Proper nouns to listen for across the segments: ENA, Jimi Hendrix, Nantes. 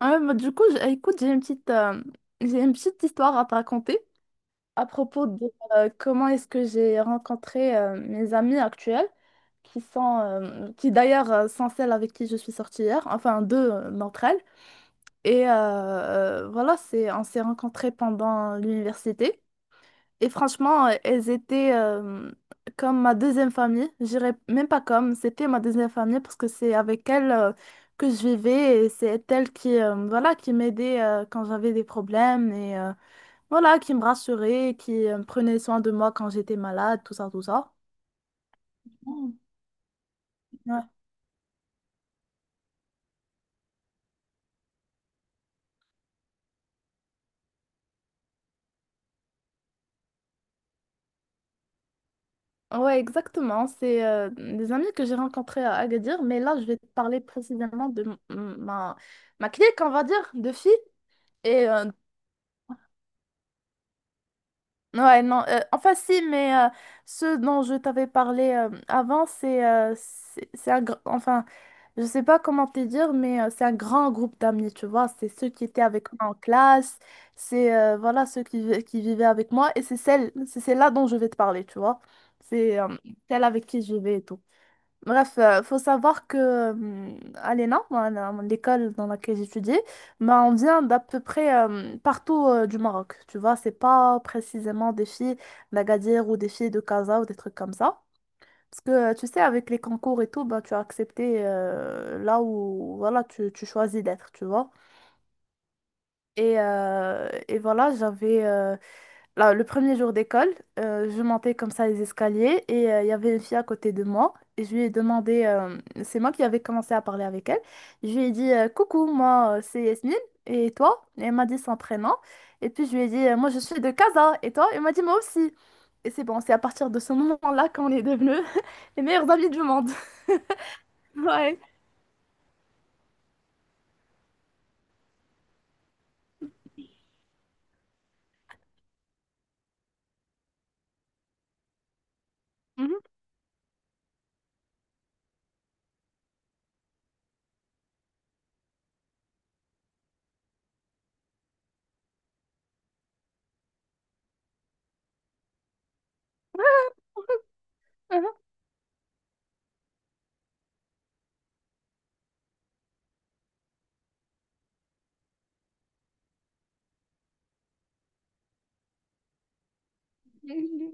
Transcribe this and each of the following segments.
Ouais, bah, du coup, écoute, j'ai une petite histoire à te raconter à propos de comment est-ce que j'ai rencontré mes amis actuels, qui d'ailleurs sont celles avec qui je suis sortie hier, enfin deux d'entre elles. Et voilà, on s'est rencontrés pendant l'université. Et franchement, elles étaient comme ma deuxième famille. Je dirais même pas comme, c'était ma deuxième famille parce que c'est avec elles que je vivais et c'est elles qui m'aidaient quand j'avais des problèmes et voilà, qui me rassuraient, qui prenaient soin de moi quand j'étais malade, tout ça, tout ça. Oh, ouais, ouais, exactement. C'est des amis que j'ai rencontrés à Agadir, mais là, je vais te parler précisément de ma clique, on va dire, de filles. Et ouais, non, enfin si, mais ce dont je t'avais parlé avant, c'est un enfin, je sais pas comment te dire, mais c'est un grand groupe d'amis, tu vois, c'est ceux qui étaient avec moi en classe, c'est voilà ceux qui vivaient avec moi, et c'est celle-là dont je vais te parler, tu vois, c'est celle avec qui je vais et tout. Bref, faut savoir que à l'ENA, moi, l'école dans laquelle j'étudie, ben, on vient d'à peu près partout du Maroc. Tu vois, c'est pas précisément des filles d'Agadir ou des filles de Casa ou des trucs comme ça. Parce que tu sais, avec les concours et tout, ben, tu as accepté là où voilà, tu choisis d'être, tu vois. Et voilà, j'avais là, le premier jour d'école, je montais comme ça les escaliers et il y avait une fille à côté de moi et je lui ai demandé, c'est moi qui avais commencé à parler avec elle, je lui ai dit coucou, moi c'est Yasmine et toi? Et elle m'a dit son prénom et puis je lui ai dit moi je suis de Casa et toi? Elle m'a dit moi aussi. Et c'est bon, c'est à partir de ce moment-là qu'on est devenus les meilleurs amis du monde. Ouais. Mhm. Mhm.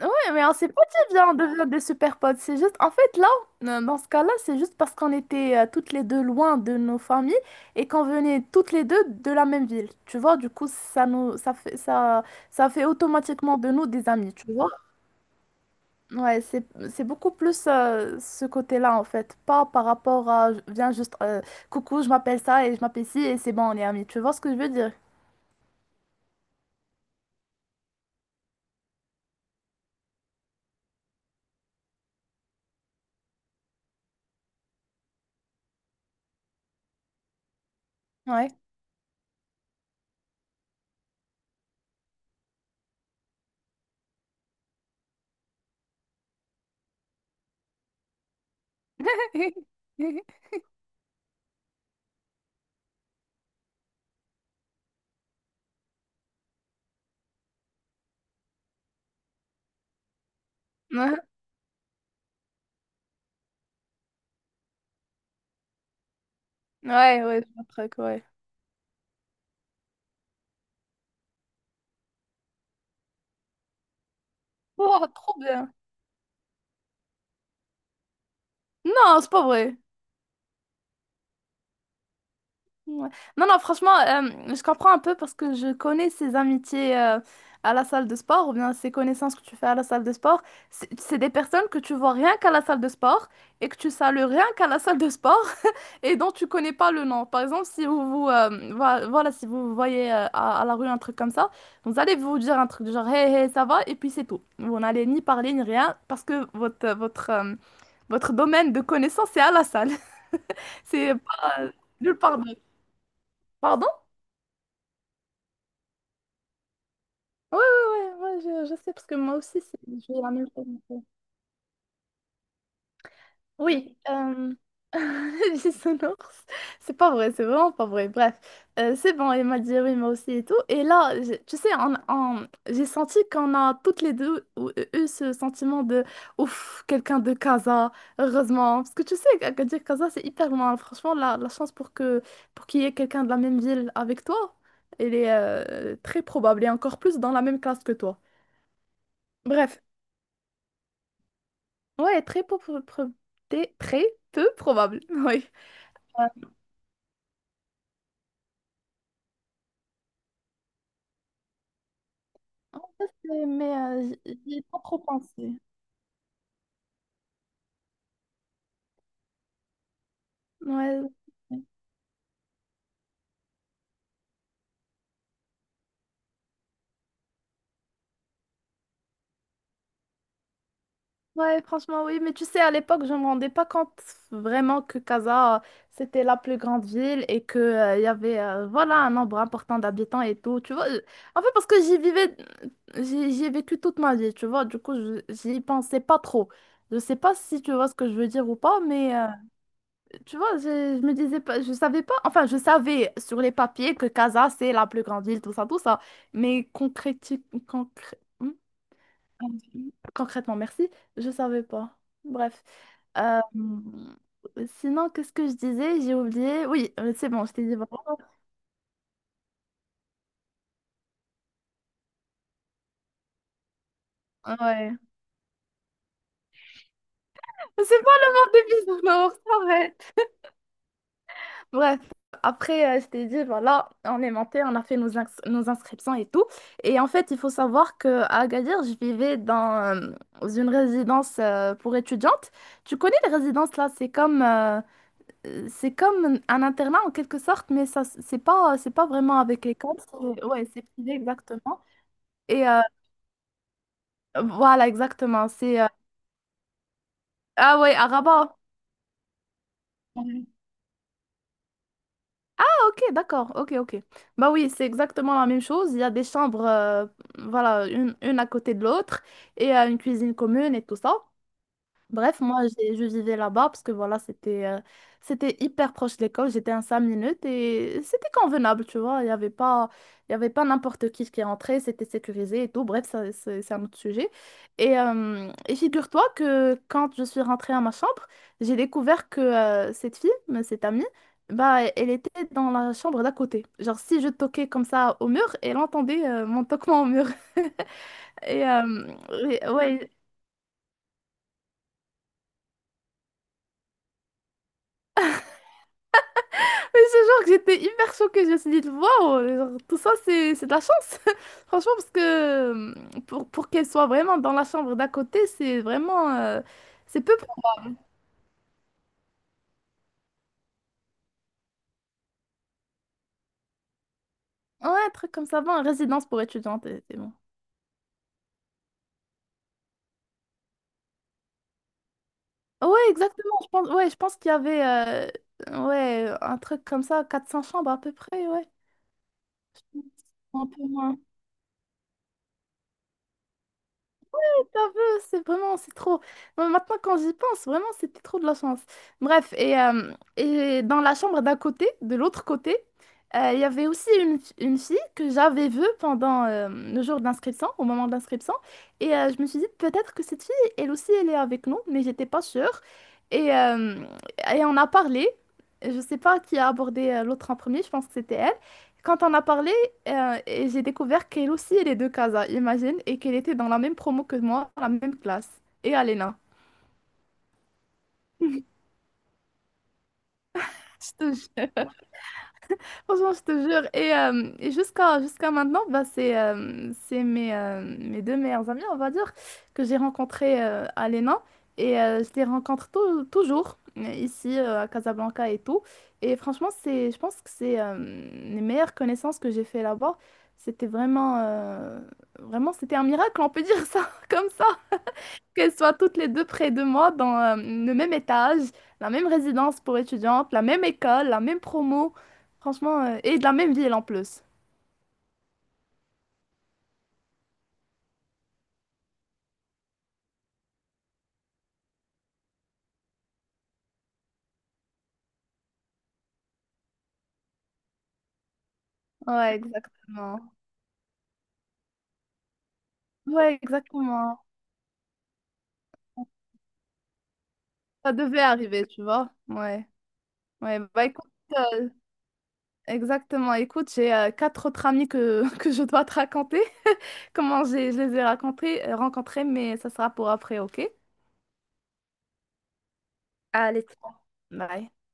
Ouais, mais on s'est pas dit, viens, on devient des super potes. C'est juste, en fait, là, dans ce cas-là, c'est juste parce qu'on était toutes les deux loin de nos familles et qu'on venait toutes les deux de la même ville. Tu vois, du coup, ça nous, ça fait, ça fait automatiquement de nous des amis, tu vois. Ouais, c'est beaucoup plus ce côté-là, en fait. Pas par rapport à, viens juste, coucou, je m'appelle ça et je m'appelle ci et c'est bon, on est amis. Tu vois ce que je veux dire? Ouais. Ouais, ouais, ouais, je vois le truc, ouais. Oh, trop bien. Non, c'est pas vrai. Ouais. Non, non, franchement, je comprends un peu parce que je connais ces amitiés à la salle de sport ou bien ces connaissances que tu fais à la salle de sport. C'est des personnes que tu vois rien qu'à la salle de sport et que tu salues rien qu'à la salle de sport et dont tu connais pas le nom. Par exemple, si si vous voyez à la rue un truc comme ça, vous allez vous dire un truc du genre hey, hey, ça va et puis c'est tout. Vous n'allez ni parler ni rien parce que votre domaine de connaissances est à la salle. C'est pas nulle part d'autre. Pardon? Ouais, ouais, ouais, ouais, je sais, parce que moi aussi, j'ai la même chose. Oui, sonore, c'est pas vrai, c'est vraiment pas vrai. Bref, c'est bon, il m'a dit oui, moi aussi et tout. Et là, tu sais, j'ai senti qu'on a toutes les deux eu ce sentiment de ouf, quelqu'un de Casa, heureusement. Parce que tu sais, à dire Casa, c'est hyper loin. Franchement, la chance pour qu'il y ait quelqu'un de la même ville avec toi, elle est très probable et encore plus dans la même classe que toi. Bref, ouais, très peu probable, oui. Ça, Mais j'y ai pas trop pensé. Ouais. Ouais, ouais, franchement, oui, mais tu sais, à l'époque, je me rendais pas compte vraiment que Casa, c'était la plus grande ville et que, il y avait, voilà, un nombre important d'habitants et tout, tu vois. En fait, parce que j'y vivais, j'y ai vécu toute ma vie, tu vois, du coup, j'y pensais pas trop. Je sais pas si tu vois ce que je veux dire ou pas, mais, tu vois, je me disais pas, je savais pas, enfin, je savais sur les papiers que Casa, c'est la plus grande ville, tout ça, mais concrètement, merci, je savais pas. Bref. Euh, sinon, qu'est-ce que je disais? J'ai oublié. Oui, c'est bon, je t'ai dit vraiment. Ouais. C'est pas le monde des bisounours, c'est vrai. Bref, après, je t'ai dit, voilà, on est monté, on a fait nos inscriptions et tout. Et en fait, il faut savoir qu'à Agadir, je vivais dans une résidence pour étudiantes. Tu connais les résidences là, c'est comme un internat en quelque sorte, mais ça, c'est pas vraiment avec l'école. Ouais, c'est privé exactement. Et voilà, exactement. Ah ouais, à Rabat. Ok, d'accord, ok, ok. Bah oui, c'est exactement la même chose. Il y a des chambres, voilà, une à côté de l'autre et une cuisine commune et tout ça. Bref, moi, je vivais là-bas parce que voilà, c'était hyper proche de l'école. J'étais à 5 minutes et c'était convenable, tu vois. Il y avait pas n'importe qui rentrait, c'était sécurisé et tout. Bref, ça, c'est un autre sujet. Et figure-toi que quand je suis rentrée à ma chambre, j'ai découvert que cette fille, mais cette amie, bah, elle était dans la chambre d'à côté. Genre, si je toquais comme ça au mur, elle entendait mon toquement au mur. Et, euh, ouais, mais c'est genre que j'étais hyper choquée. Je me suis dit, waouh, genre, tout ça, c'est de la chance. Franchement, parce que euh, pour qu'elle soit vraiment dans la chambre d'à côté, c'est vraiment. C'est peu. Ouais, un truc comme ça, bon, résidence pour étudiantes, et c'est bon. Ouais, exactement. Je pense, ouais, je pense qu'il y avait ouais, un truc comme ça, 400 chambres à peu près, ouais. Un peu moins. Un peu, c'est vraiment, c'est trop. Bon, maintenant, quand j'y pense, vraiment, c'était trop de la chance. Bref, et dans la chambre d'un côté, de l'autre côté, il y avait aussi une fille que j'avais vue pendant le jour d'inscription, au moment de l'inscription. Et je me suis dit, peut-être que cette fille, elle aussi, elle est avec nous, mais j'étais pas sûre. Et, euh, et on a parlé. Je sais pas qui a abordé l'autre en premier, je pense que c'était elle. Quand on a parlé, et j'ai découvert qu'elle aussi, elle est de Casa, imagine, et qu'elle était dans la même promo que moi, dans la même classe. Et Alena. Je te jure. Franchement, je te jure. Et jusqu'à maintenant, bah, c'est mes deux meilleurs amis, on va dire, que j'ai rencontré Alena. Et je les rencontre toujours, ici, à Casablanca et tout. Et franchement, je pense que c'est les meilleures connaissances que j'ai fait là-bas. C'était vraiment, c'était un miracle, on peut dire ça comme ça. Qu'elles soient toutes les deux près de moi dans le même étage, la même résidence pour étudiantes, la même école, la même promo, franchement, et de la même ville en plus. Ouais, exactement. Ouais, exactement. Ça devait arriver, tu vois. Ouais. Ouais, bah écoute, euh, exactement. Écoute, j'ai quatre autres amis que, que je dois te raconter. Je les ai rencontrés, mais ça sera pour après, ok? Allez, ciao. Bye.